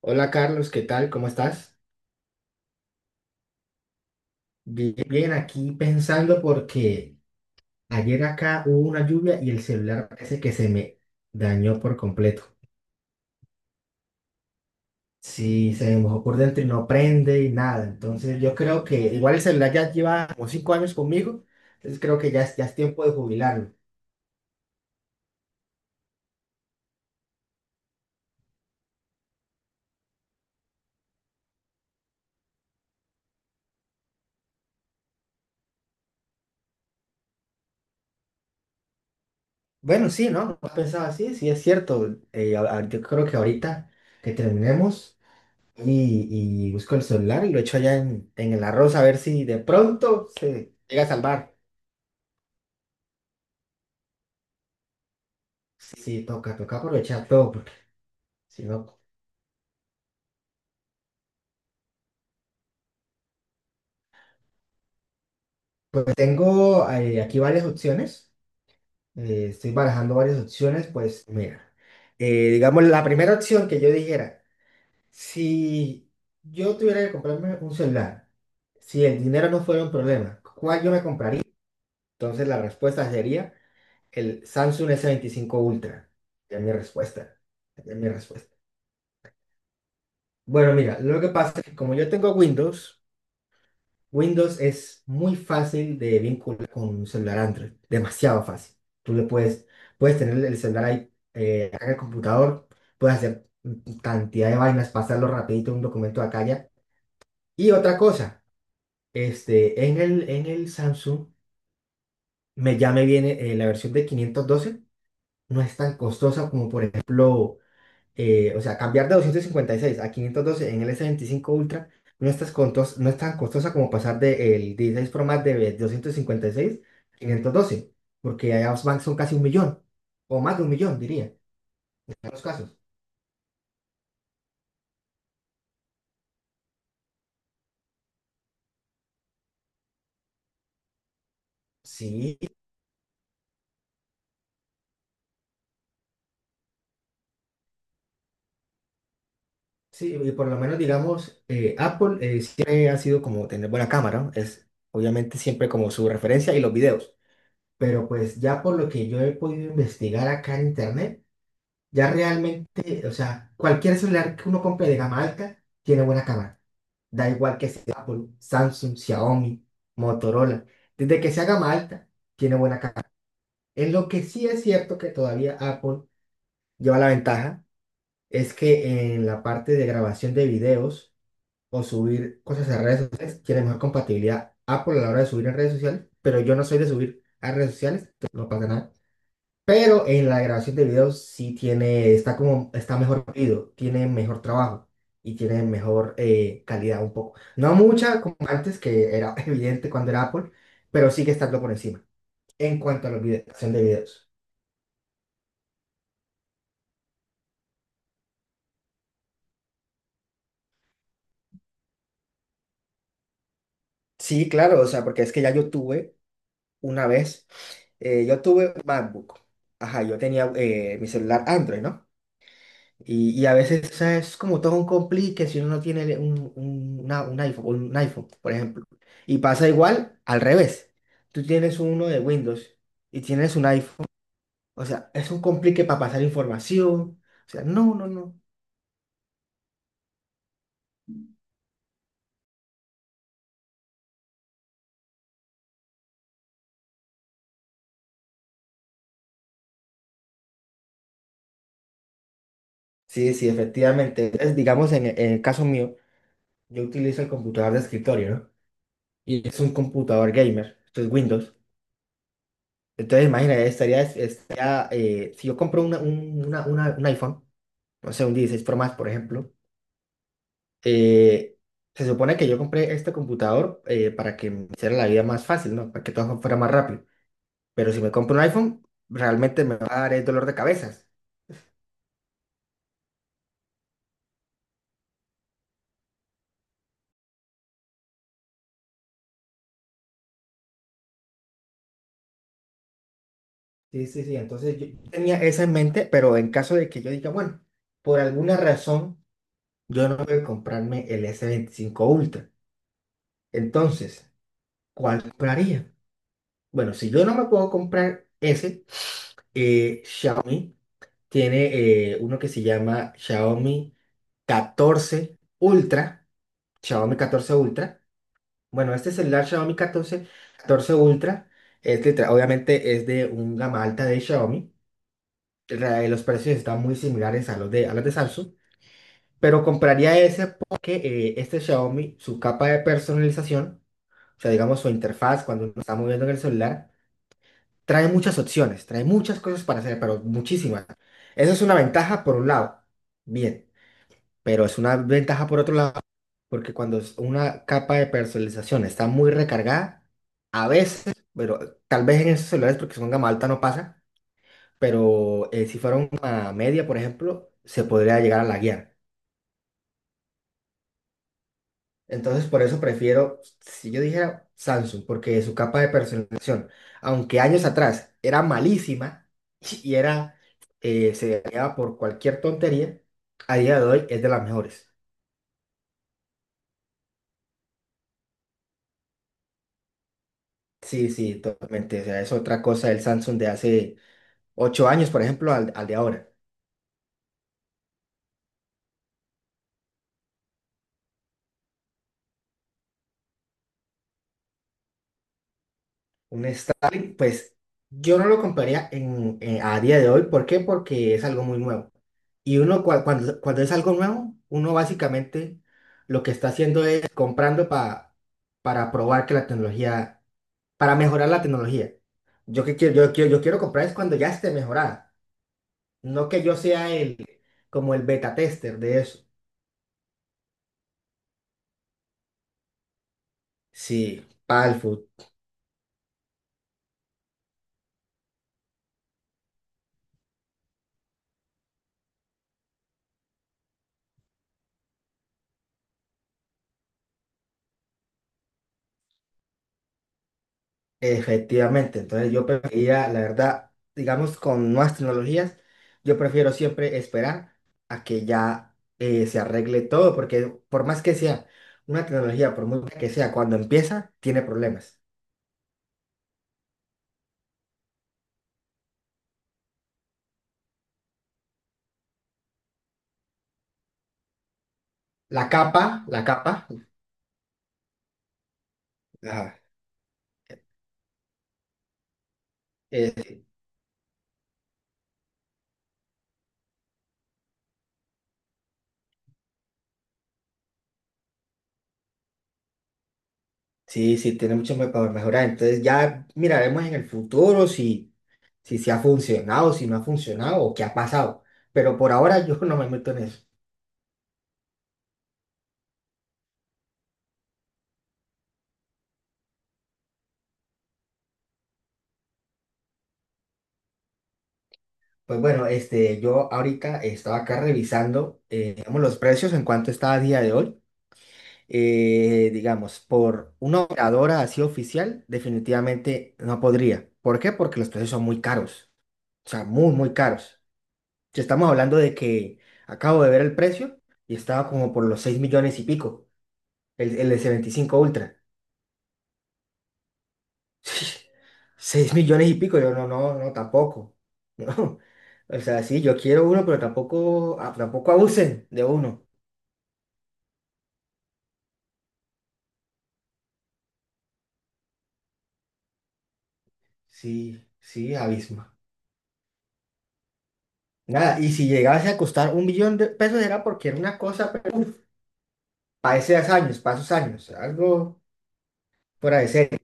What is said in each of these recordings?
Hola Carlos, ¿qué tal? ¿Cómo estás? Bien, bien, aquí pensando porque ayer acá hubo una lluvia y el celular parece que se me dañó por completo. Sí, se me mojó por dentro y no prende y nada. Entonces yo creo que igual el celular ya lleva como 5 años conmigo, entonces creo que ya es tiempo de jubilarlo. Bueno, sí, ¿no? No pensaba así, sí es cierto. Yo creo que ahorita que terminemos y busco el celular y lo echo allá en el arroz a ver si de pronto se llega a salvar. Sí, toca, toca aprovechar todo, porque si no, pues tengo aquí varias opciones, estoy barajando varias opciones, pues mira, digamos la primera opción que yo dijera, si yo tuviera que comprarme un celular, si el dinero no fuera un problema, ¿cuál yo me compraría? Entonces la respuesta sería el Samsung S25 Ultra, ya es mi respuesta, ya es mi respuesta. Bueno, mira, lo que pasa es que como yo tengo Windows, Windows es muy fácil de vincular con un celular Android, demasiado fácil. Tú puedes tener el celular ahí acá en el computador, puedes hacer cantidad de vainas, pasarlo rapidito un documento de acá allá. Y otra cosa, en el Samsung ya me viene la versión de 512. No es tan costosa como por ejemplo, o sea, cambiar de 256 a 512 en el S25 Ultra, no es tan costosa como pasar del 16 Pro Max de 256 a 512, porque son casi un millón, o más de un millón, diría, en los casos. Sí, sí, y por lo menos digamos, Apple siempre ha sido como tener buena cámara, ¿no? Es obviamente siempre como su referencia y los videos. Pero pues ya por lo que yo he podido investigar acá en internet, ya realmente, o sea, cualquier celular que uno compre de gama alta tiene buena cámara. Da igual que sea Apple, Samsung, Xiaomi, Motorola. Desde que sea gama alta, tiene buena cámara. En lo que sí es cierto que todavía Apple lleva la ventaja es que en la parte de grabación de videos o subir cosas a redes sociales, tiene mejor compatibilidad Apple a la hora de subir en redes sociales, pero yo no soy de subir a redes sociales, entonces no pasa nada. Pero en la grabación de video sí tiene, está como, está mejor pedido, tiene mejor trabajo y tiene mejor calidad un poco. No mucha como antes, que era evidente cuando era Apple, pero sigue estando por encima en cuanto a la grabación de videos. Sí, claro, o sea, porque es que ya yo tuve una vez, yo tuve MacBook. Ajá, yo tenía mi celular Android, ¿no? Y a veces, o sea, es como todo un complique si uno no tiene un iPhone, un iPhone, por ejemplo. Y pasa igual al revés. Tú tienes uno de Windows y tienes un iPhone. O sea, es un complique para pasar información. O sea, no, no, no. Sí, sí, efectivamente. Entonces, digamos, en el caso mío, yo utilizo el computador de escritorio, ¿no? Y es un computador gamer, esto es Windows. Entonces, imagínate, estaría si yo compro una- un iPhone, no sé, un 16 Pro más, por ejemplo. eh, se supone que yo compré este computador para que me hiciera la vida más fácil, ¿no? Para que todo fuera más rápido. Pero si me compro un iPhone, realmente me va a dar dolor de cabezas. Sí, sí, sí. Entonces yo tenía eso en mente, pero en caso de que yo diga, bueno, por alguna razón yo no puedo comprarme el S25 Ultra. Entonces, ¿cuál compraría? Bueno, si yo no me puedo comprar ese, Xiaomi. Tiene uno que se llama Xiaomi 14 Ultra. Xiaomi catorce Ultra. Bueno, este celular Xiaomi catorce Ultra, obviamente es de un gama alta de Xiaomi. Los precios están muy similares a los de, Samsung, pero compraría ese porque este Xiaomi, su capa de personalización, o sea, digamos su interfaz cuando uno está moviendo en el celular, trae muchas opciones, trae muchas cosas para hacer, pero muchísimas. Esa es una ventaja por un lado. Bien. Pero es una ventaja por otro lado, porque cuando es una capa de personalización está muy recargada, a veces, pero tal vez en esos celulares, porque son gama alta, no pasa, pero si fuera una media, por ejemplo, se podría llegar a laguear. Entonces, por eso prefiero, si yo dijera Samsung, porque su capa de personalización, aunque años atrás era malísima y era, se dañaba por cualquier tontería, a día de hoy es de las mejores. Sí, sí, totalmente. O sea, es otra cosa el Samsung de hace 8 años, por ejemplo, al de ahora. Un Starlink, pues yo no lo compraría a día de hoy. ¿Por qué? Porque es algo muy nuevo. Y uno, cuando es algo nuevo, uno básicamente lo que está haciendo es comprando para probar que la tecnología, para mejorar la tecnología. Yo que quiero, yo quiero, yo quiero comprar es cuando ya esté mejorada. No que yo sea como el beta tester de eso. Sí, para palfo. Efectivamente, entonces yo preferiría, la verdad, digamos, con nuevas tecnologías, yo prefiero siempre esperar a que ya se arregle todo, porque por más que sea una tecnología, por muy buena que sea, cuando empieza, tiene problemas. La capa, ajá, eh, sí, sí, tiene mucho para mejorar, entonces ya miraremos en el futuro si se ha funcionado, si no ha funcionado o qué ha pasado, pero por ahora yo no me meto en eso. Pues bueno, yo ahorita estaba acá revisando, digamos, los precios en cuanto está a día de hoy. Digamos, por una operadora así oficial, definitivamente no podría. ¿Por qué? Porque los precios son muy caros. O sea, muy, muy caros. Si estamos hablando de que acabo de ver el precio y estaba como por los 6 millones y pico, el S25 Ultra. Seis millones y pico, yo no, no, no, tampoco. No. O sea, sí, yo quiero uno, pero tampoco, tampoco abusen de uno. Sí, sí, abismo. Nada, y si llegase a costar un millón de pesos era porque era una cosa, pero para esos años, algo fuera de serie.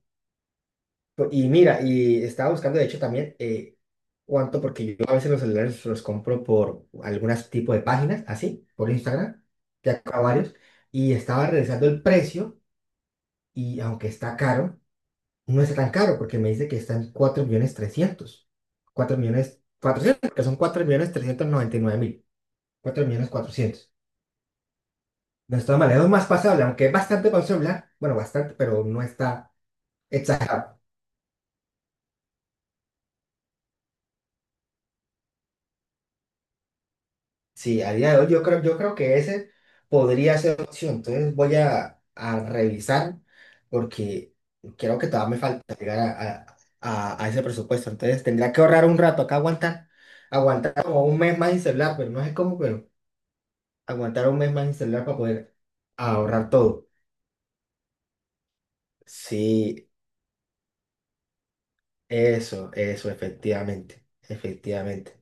Y mira, y estaba buscando, de hecho, también cuánto, porque yo a veces los celulares los compro por algún tipo de páginas, así, por Instagram, ya acá varios, y estaba revisando el precio. Y aunque está caro, no está tan caro porque me dice que está en 4 millones trescientos, 4 millones cuatrocientos, que son 4 millones 399 mil, 4 millones cuatrocientos. No está mal, es más pasable, aunque es bastante para, bueno, bastante, pero no está exagerado. Sí, a día de hoy yo creo, que ese podría ser una opción. Entonces voy a revisar porque creo que todavía me falta llegar a- a ese presupuesto. Entonces tendría que ahorrar un rato acá, aguantar, aguantar como un mes más sin celular, pero no sé cómo, pero aguantar un mes más sin celular para poder ahorrar todo. Sí, eso, efectivamente, efectivamente.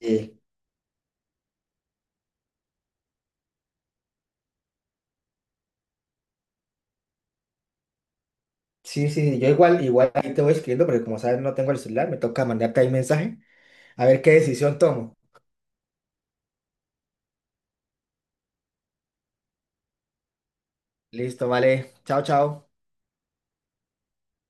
Eh, sí, sí, yo igual, igual ahí te voy escribiendo, porque como sabes no tengo el celular, me toca mandarte ahí mensaje a ver qué decisión tomo. Listo, vale. Chao, chao.